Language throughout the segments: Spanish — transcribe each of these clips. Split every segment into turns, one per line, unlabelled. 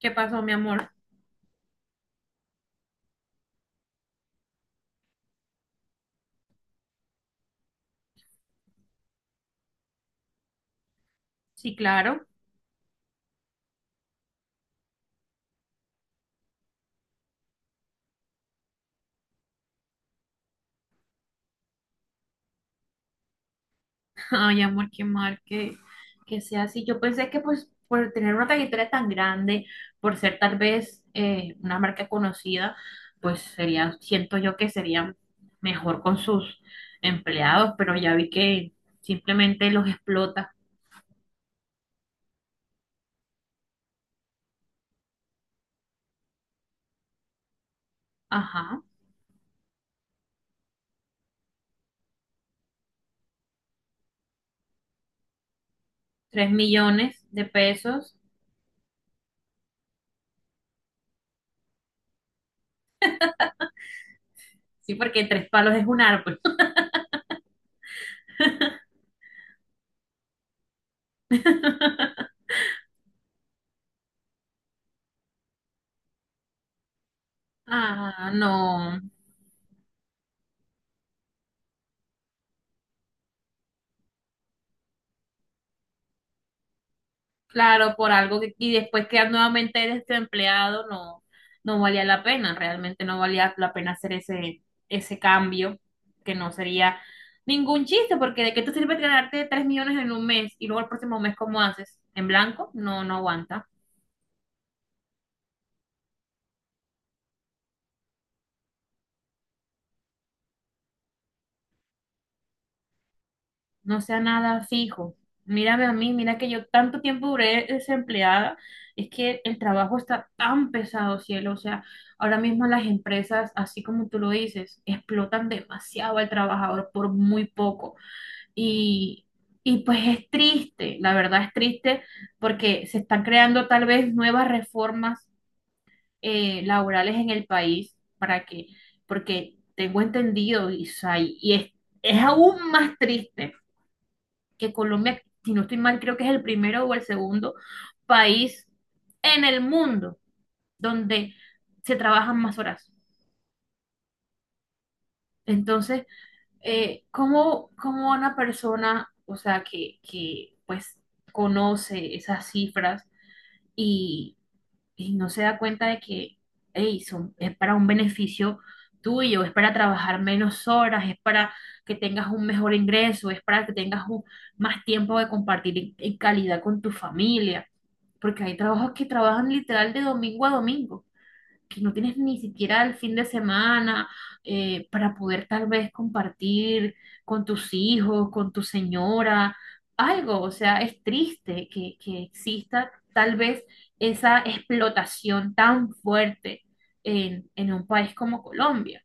¿Qué pasó, mi amor? Sí, claro. Ay, amor, qué mal que sea así. Yo pensé que pues por tener una trayectoria tan grande, por ser tal vez una marca conocida, pues sería, siento yo que sería mejor con sus empleados, pero ya vi que simplemente los explota. Ajá, 3 millones de pesos. Sí, porque tres palos es un árbol. Ah, no. Claro, por algo que, y después quedar nuevamente desempleado no, no valía la pena, realmente no valía la pena hacer ese cambio, que no sería ningún chiste, porque de qué te sirve ganarte 3 millones en un mes y luego el próximo mes, ¿cómo haces? ¿En blanco? No, no aguanta. No sea nada fijo. Mírame a mí, mira que yo tanto tiempo duré desempleada. Es que el trabajo está tan pesado, cielo. O sea, ahora mismo las empresas, así como tú lo dices, explotan demasiado al trabajador por muy poco. Y, y pues es triste, la verdad es triste porque se están creando tal vez nuevas reformas laborales en el país para que, porque tengo entendido, Isai, y es aún más triste que Colombia, si no estoy mal, creo que es el primero o el segundo país en el mundo donde se trabajan más horas. Entonces, ¿cómo, cómo una persona, o sea, que pues conoce esas cifras y, y no se da cuenta de que, hey, son, es para un beneficio tuyo, es para trabajar menos horas, es para que tengas un mejor ingreso, es para que tengas un- más tiempo de compartir en calidad con tu familia? Porque hay trabajos que trabajan literal de domingo a domingo, que no tienes ni siquiera el fin de semana para poder tal vez compartir con tus hijos, con tu señora, algo. O sea, es triste que exista tal vez esa explotación tan fuerte en un país como Colombia.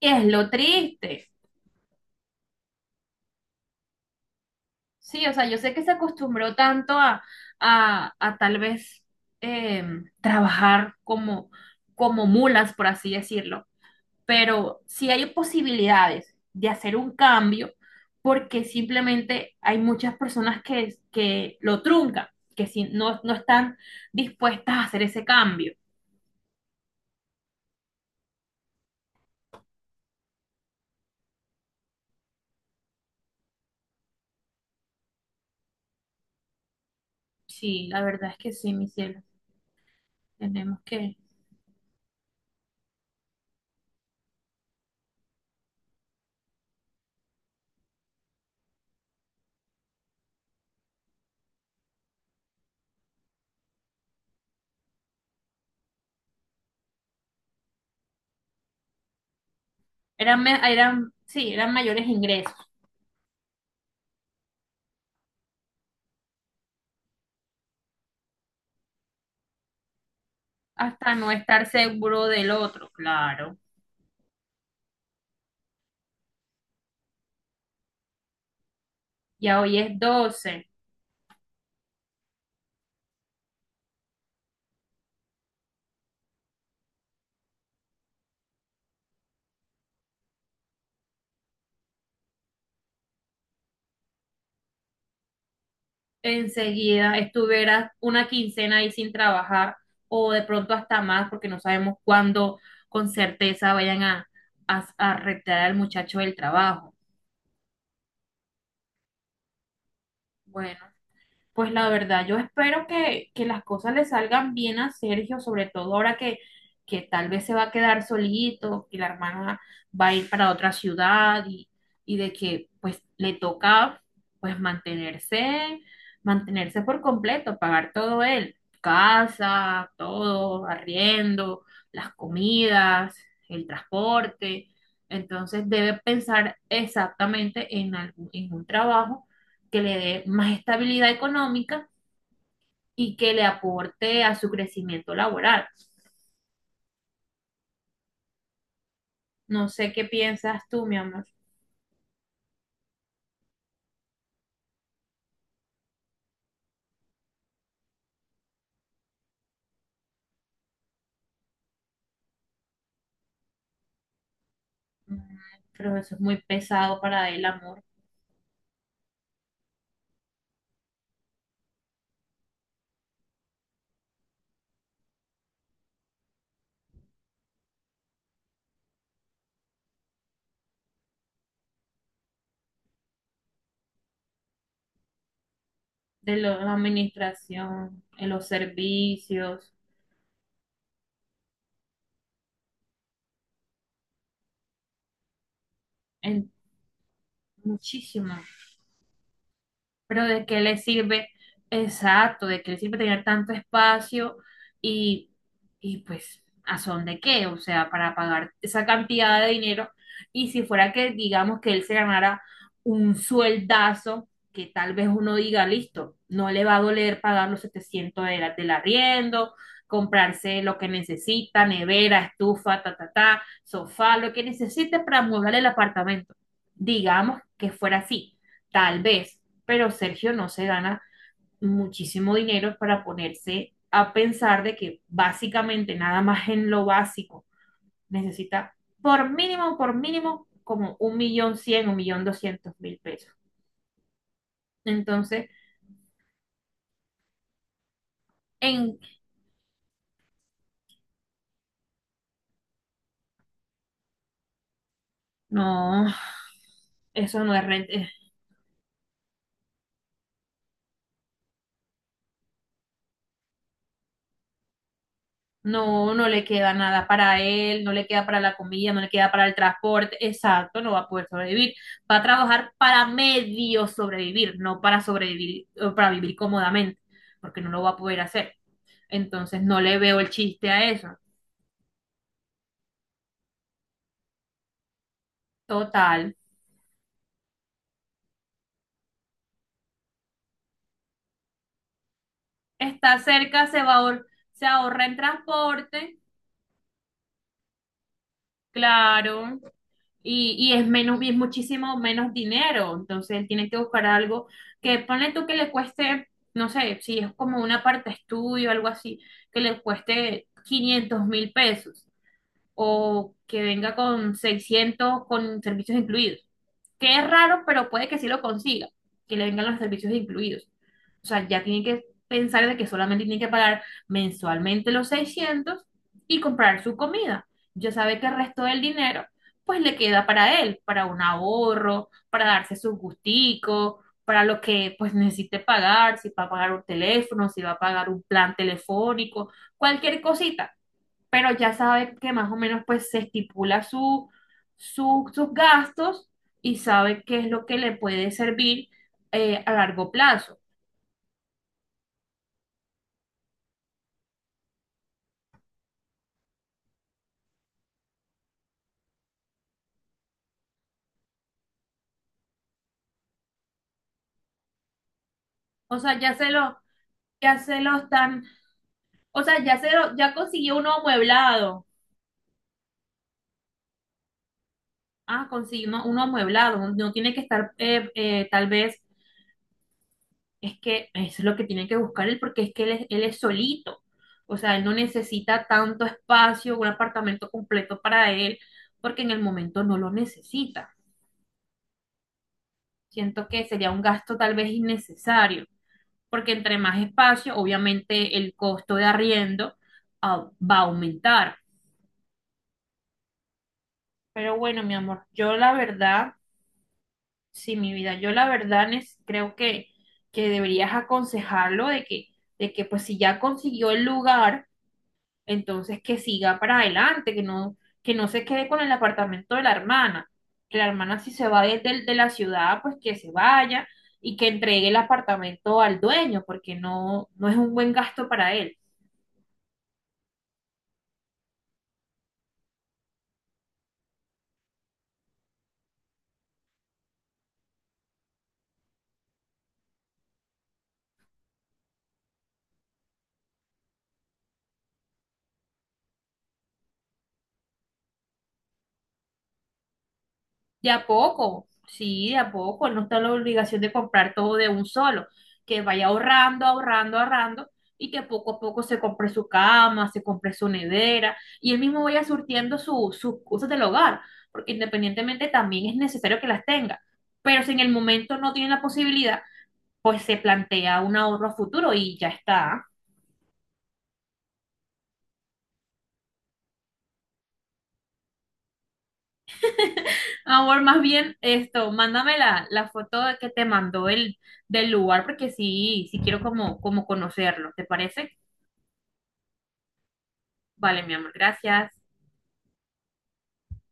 Es lo triste. Sí, o sea, yo sé que se acostumbró tanto a, a tal vez eh, trabajar como mulas, por así decirlo, pero sí hay posibilidades de hacer un cambio porque simplemente hay muchas personas que lo truncan, que si no, no están dispuestas a hacer ese cambio. Sí, la verdad es que sí, mi cielo, tenemos que... Eran, eran, sí, eran mayores ingresos, hasta no estar seguro del otro, claro. Ya hoy es 12. Enseguida estuvieras una quincena ahí sin trabajar o de pronto hasta más porque no sabemos cuándo con certeza vayan a retirar al muchacho del trabajo. Bueno. Pues la verdad, yo espero que las cosas le salgan bien a Sergio, sobre todo ahora que tal vez se va a quedar solito, que la hermana va a ir para otra ciudad y de que pues le toca pues mantenerse, mantenerse por completo, pagar todo él, casa, todo, arriendo, las comidas, el transporte. Entonces debe pensar exactamente en en un trabajo que le dé más estabilidad económica y que le aporte a su crecimiento laboral. No sé qué piensas tú, mi amor, pero eso es muy pesado para el amor de la administración, en los servicios, en muchísimo. Pero ¿de qué le sirve? Exacto, ¿de qué le sirve tener tanto espacio y, y pues a son de qué? O sea, para pagar esa cantidad de dinero. Y si fuera que digamos que él se ganara un sueldazo, que tal vez uno diga, listo, no le va a doler pagar los 700 del arriendo, comprarse lo que necesita, nevera, estufa, ta, ta, ta, sofá, lo que necesite para amueblar el apartamento. Digamos que fuera así, tal vez pero Sergio no se gana muchísimo dinero para ponerse a pensar de que básicamente nada más en lo básico necesita por mínimo, como 1.100.000, 1.200.000 pesos. Entonces, en no, eso no es renta, no, no le queda nada para él, no le queda para la comida, no le queda para el transporte, exacto, no va a poder sobrevivir. Va a trabajar para medio sobrevivir, no para sobrevivir, para vivir cómodamente, porque no lo va a poder hacer. Entonces no le veo el chiste a eso. Total. Está cerca, se va a se ahorra en transporte, claro, y es menos, y es muchísimo menos dinero. Entonces él tiene que buscar algo que ponle tú que le cueste, no sé, si es como una parte estudio, algo así, que le cueste 500.000 pesos o que venga con 600 con servicios incluidos. Que es raro, pero puede que sí lo consiga, que le vengan los servicios incluidos. O sea, ya tienen que pensar de que solamente tienen que pagar mensualmente los 600 y comprar su comida. Ya sabe que el resto del dinero, pues le queda para él, para un ahorro, para darse su gustico, para lo que pues necesite pagar, si va a pagar un teléfono, si va a pagar un plan telefónico, cualquier cosita pero ya sabe que más o menos pues se estipula su, sus gastos y sabe qué es lo que le puede servir a largo plazo. O sea, ya se lo están, o sea, ya consiguió uno amueblado. Ah, consiguió uno amueblado. No, no tiene que estar, tal vez, es que es lo que tiene que buscar él, porque es que él es solito. O sea, él no necesita tanto espacio, un apartamento completo para él, porque en el momento no lo necesita. Siento que sería un gasto tal vez innecesario, porque entre más espacio, obviamente el costo de arriendo, ah, va a aumentar. Pero bueno, mi amor, yo la verdad, sí, mi vida, yo la verdad creo que deberías aconsejarlo de que pues si ya consiguió el lugar, entonces, que siga para adelante, que no se quede con el apartamento de la hermana. Que la hermana, si se va de la ciudad, pues que se vaya y que entregue el apartamento al dueño, porque no, no es un buen gasto para él. De a poco, sí, de a poco. Él no está en la obligación de comprar todo de un solo. Que vaya ahorrando, ahorrando, ahorrando y que poco a poco se compre su cama, se compre su nevera y él mismo vaya surtiendo sus cosas del hogar, porque independientemente también es necesario que las tenga. Pero si en el momento no tiene la posibilidad, pues se plantea un ahorro a futuro y ya está. Ahora más bien esto, mándame la foto que te mandó del lugar porque sí, sí quiero como conocerlo, ¿te parece? Vale, mi amor, gracias.